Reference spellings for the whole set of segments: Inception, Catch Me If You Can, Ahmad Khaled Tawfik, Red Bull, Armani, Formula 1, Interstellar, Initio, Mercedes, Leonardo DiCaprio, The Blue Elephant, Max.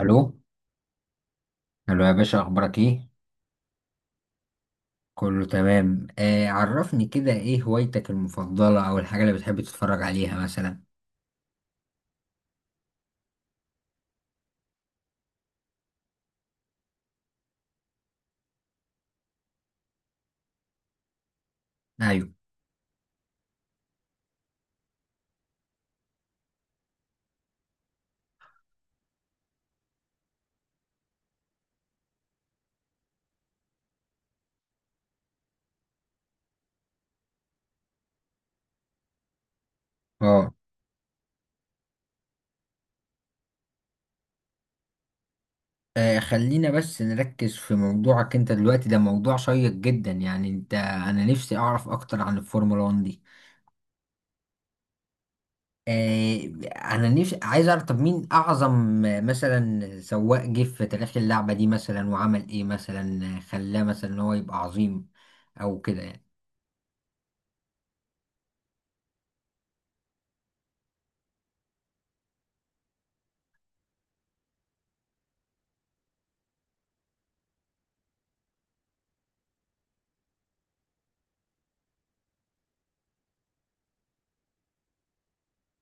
الو. الو يا باشا، اخبارك ايه؟ كله تمام. عرفني كده، ايه هوايتك المفضله او الحاجه اللي بتحب تتفرج عليها مثلا؟ ايوه. اه. خلينا بس نركز في موضوعك انت دلوقتي، ده موضوع شيق جدا. يعني انت، انا نفسي اعرف اكتر عن الفورمولا 1 دي. آه، انا نفسي عايز اعرف، طب مين اعظم مثلا سواق جه في تاريخ اللعبه دي، مثلا وعمل ايه مثلا خلاه مثلا ان هو يبقى عظيم او كده يعني.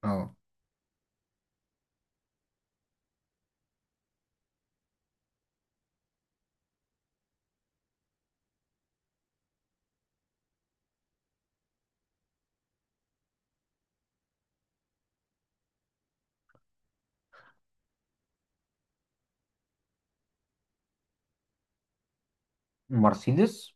اه، مرسيدس.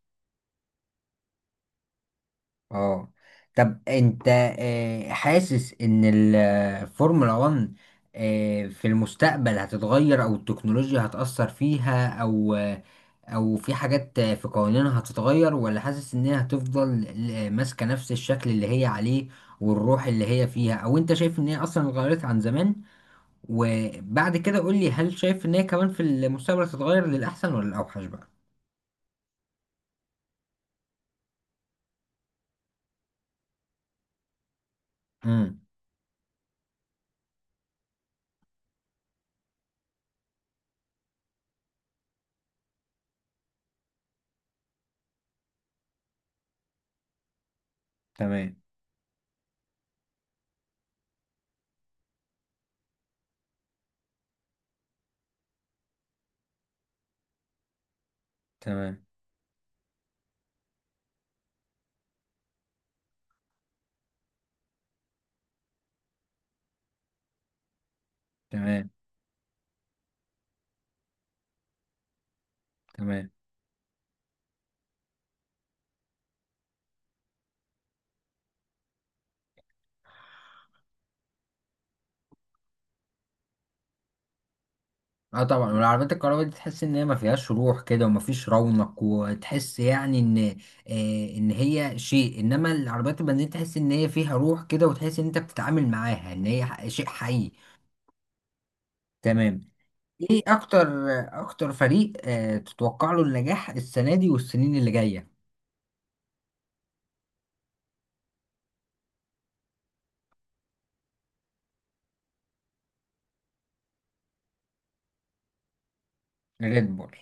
اه. طب انت حاسس ان الفورمولا 1 في المستقبل هتتغير، او التكنولوجيا هتأثر فيها، او او في حاجات في قوانينها هتتغير، ولا حاسس ان هي هتفضل ماسكة نفس الشكل اللي هي عليه والروح اللي هي فيها؟ او انت شايف ان هي اصلا اتغيرت عن زمان؟ وبعد كده قول لي، هل شايف ان هي كمان في المستقبل هتتغير للأحسن ولا الأوحش بقى؟ امم، تمام، تمام، تمام، تمام. اه طبعا. والعربيات الكهرباء دي تحس ان هي ما فيهاش روح كده وما فيش رونق، وتحس يعني ان ان هي شيء. انما العربيات البنزين تحس ان هي فيها روح كده، وتحس ان انت بتتعامل معاها ان هي شيء حي. تمام. ايه اكتر؟ اكتر فريق تتوقع له النجاح السنة دي والسنين اللي جاية؟ ريد بول.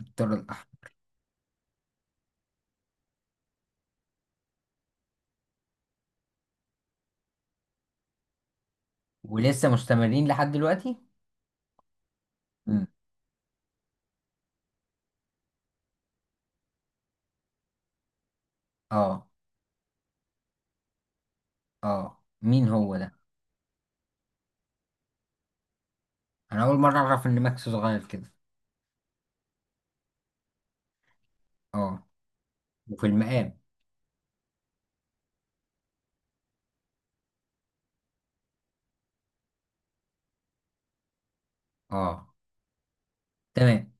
الطر الاحمر. ولسه مستمرين لحد دلوقتي. مم. اه. اه، مين هو ده؟ انا اول مرة اعرف ان ماكس صغير كده. اه. وفي المقام. اه. تمام،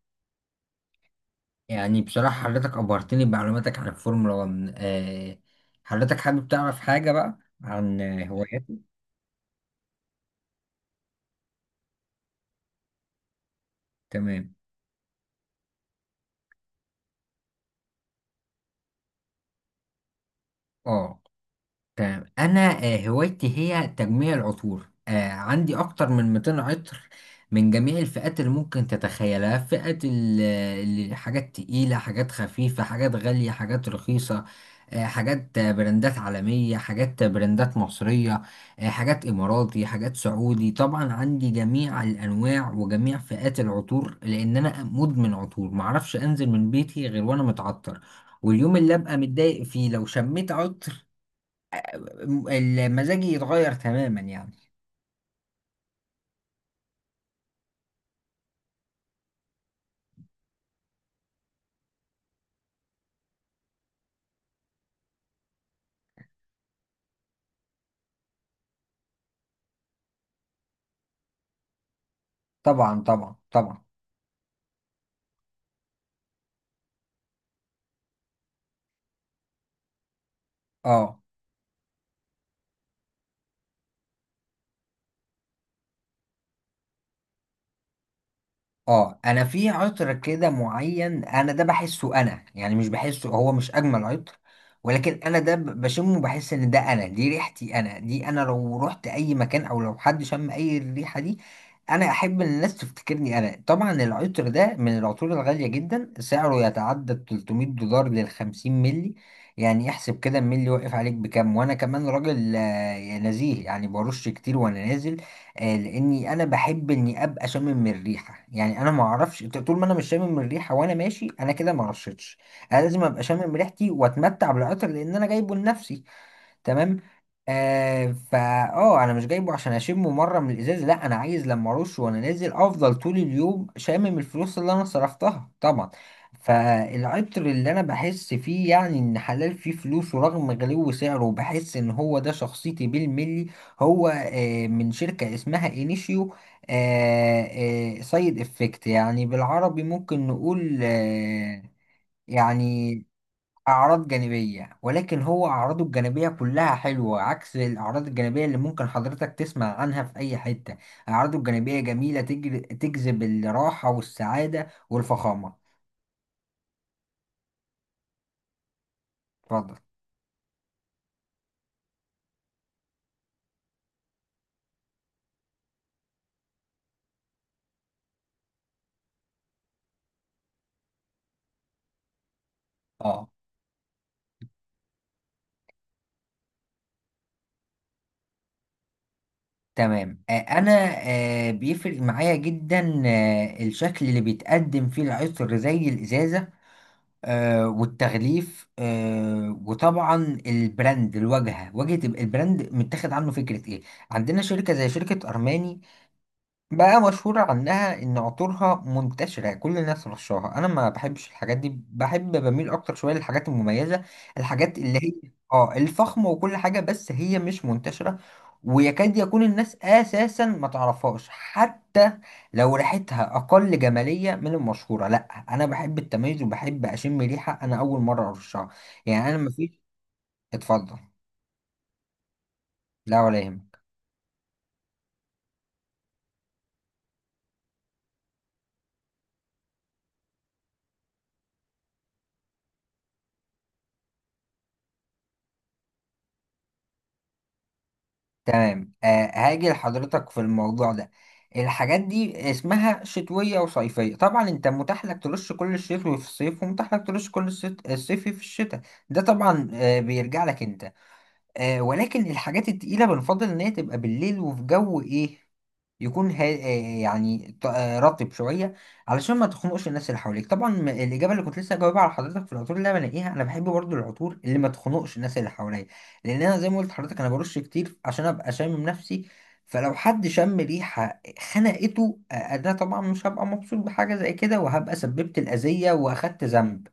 يعني بصراحة حضرتك أبهرتني بمعلوماتك عن الفورمولا 1. حضرتك حابب تعرف حاجة بقى عن هواياتي؟ تمام. اه. تمام. انا هوايتي هي تجميع العطور. عندي اكتر من 200 عطر من جميع الفئات اللي ممكن تتخيلها. فئات حاجات تقيلة، حاجات خفيفة، حاجات غالية، حاجات رخيصة، حاجات براندات عالمية، حاجات براندات مصرية، حاجات إماراتي، حاجات سعودي. طبعا عندي جميع الأنواع وجميع فئات العطور، لأن أنا مدمن عطور، معرفش أنزل من بيتي غير وأنا متعطر. واليوم اللي أبقى متضايق فيه لو شميت عطر، المزاجي يتغير تماما يعني. طبعا، طبعا، طبعا. اه. اه انا في عطر كده معين انا ده بحسه انا، يعني مش بحسه هو مش اجمل عطر، ولكن انا ده بشمه بحس ان ده انا، دي ريحتي انا، دي انا. لو رحت اي مكان او لو حد شم اي الريحة دي، انا احب ان الناس تفتكرني انا. طبعا العطر ده من العطور الغالية جدا، سعره يتعدى ال 300 دولار لل 50 ملي. يعني احسب كده الملي واقف عليك بكام. وانا كمان راجل نزيه، يعني برش كتير وانا نازل، لاني انا بحب اني ابقى شامم الريحه. يعني انا ما اعرفش طول ما انا مش شامم الريحه وانا ماشي، انا كده ما رشتش. انا لازم ابقى شامم ريحتي واتمتع بالعطر لان انا جايبه لنفسي. تمام. آه فا. اه انا مش جايبه عشان اشمه مره من الازاز، لا انا عايز لما ارش وانا نازل افضل طول اليوم شامم الفلوس اللي انا صرفتها طبعا. فالعطر اللي انا بحس فيه يعني ان حلال فيه فلوس، ورغم غلو سعره بحس ان هو ده شخصيتي بالملي. هو من شركه اسمها انيشيو. آه، سايد افكت، يعني بالعربي ممكن نقول يعني، أعراض جانبية. ولكن هو أعراضه الجانبية كلها حلوة، عكس الأعراض الجانبية اللي ممكن حضرتك تسمع عنها في أي حتة. أعراضه الجانبية جميلة، تجر... تجذب الراحة والسعادة والفخامة. اتفضل. اه. تمام. أنا بيفرق معايا جدا الشكل اللي بيتقدم فيه العطر زي الإزازة والتغليف وطبعا البراند، الواجهة، واجهة البراند متاخد عنه فكرة إيه. عندنا شركة زي شركة أرماني بقى، مشهورة عنها إن عطورها منتشرة كل الناس رشاها. أنا ما بحبش الحاجات دي، بحب بميل أكتر شوية للحاجات المميزة، الحاجات اللي هي الفخمة وكل حاجة، بس هي مش منتشرة، ويكاد يكون الناس أساسا ما تعرفهاش حتى. لو ريحتها أقل جمالية من المشهورة، لأ أنا بحب التميز، وبحب أشم ريحة أنا أول مرة أرشها. يعني أنا مفيش. اتفضل. لا ولا يهمك. هاجي لحضرتك في الموضوع ده. الحاجات دي اسمها شتوية وصيفية. طبعا انت متاح لك ترش كل الشتوي في الصيف، ومتاح لك ترش كل الصيفي في الشتاء. ده طبعا بيرجع لك انت. آه ولكن الحاجات التقيلة بنفضل إن هي تبقى بالليل وفي جو إيه، يكون ها آه يعني رطب شوية، علشان ما تخنقش الناس اللي حواليك. طبعا الإجابة اللي كنت لسه جاوبها على حضرتك في العطور اللي أنا بلاقيها، أنا بحب برضو العطور اللي ما تخنقش الناس اللي حواليا، لأن أنا زي ما قلت لحضرتك أنا برش كتير عشان أبقى شامم نفسي. فلو حد شم ريحة خنقته، أنا طبعا مش هبقى مبسوط بحاجة زي كده، وهبقى سببت الأذية وأخدت ذنب.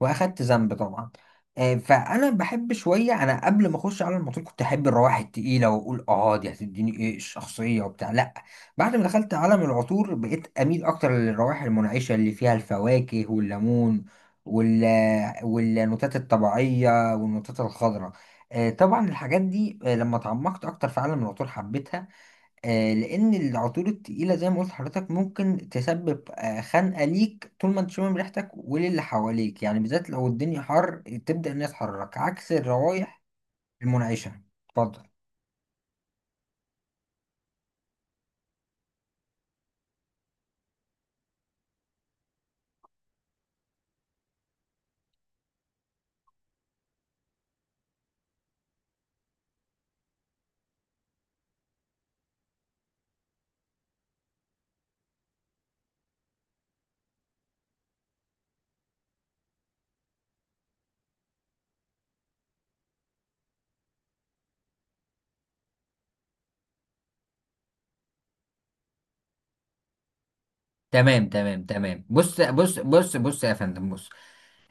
واخدت ذنب طبعا. فانا بحب شويه. انا قبل ما اخش على الموتور كنت احب الروائح التقيله، واقول اه دي هتديني ايه الشخصيه وبتاع، لا. بعد ما دخلت عالم العطور بقيت اميل اكتر للروائح المنعشه اللي فيها الفواكه والليمون وال والنوتات الطبيعيه والنوتات الخضراء. طبعا الحاجات دي لما تعمقت اكتر في عالم العطور حبيتها. لان العطور التقيله زي ما قلت لحضرتك ممكن تسبب خنقه ليك طول ما انت شامم ريحتك وللي حواليك، يعني بالذات لو الدنيا حر، تبدا الناس تحرك عكس الروائح المنعشه. اتفضل. تمام، تمام، تمام. بص، بص، بص، بص، يا فندم، بص،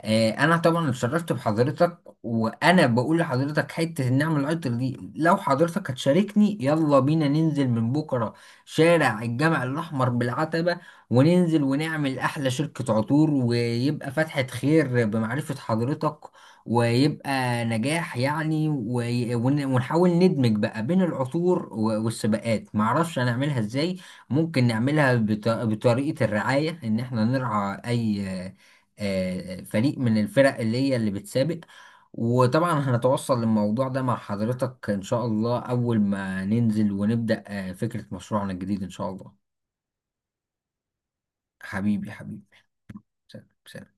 انا طبعا اتشرفت بحضرتك. وانا بقول لحضرتك حته النعمه العطر دي، لو حضرتك هتشاركني يلا بينا ننزل من بكره شارع الجامع الاحمر بالعتبه، وننزل ونعمل احلى شركه عطور، ويبقى فتحه خير بمعرفه حضرتك، ويبقى نجاح يعني. ونحاول ندمج بقى بين العطور والسباقات، معرفش هنعملها ازاي. ممكن نعملها بطريقه الرعايه، ان احنا نرعى اي فريق من الفرق اللي هي اللي بتسابق. وطبعا هنتوصل للموضوع ده مع حضرتك إن شاء الله أول ما ننزل ونبدأ فكرة مشروعنا الجديد إن شاء الله. حبيبي حبيبي. سلام سلام.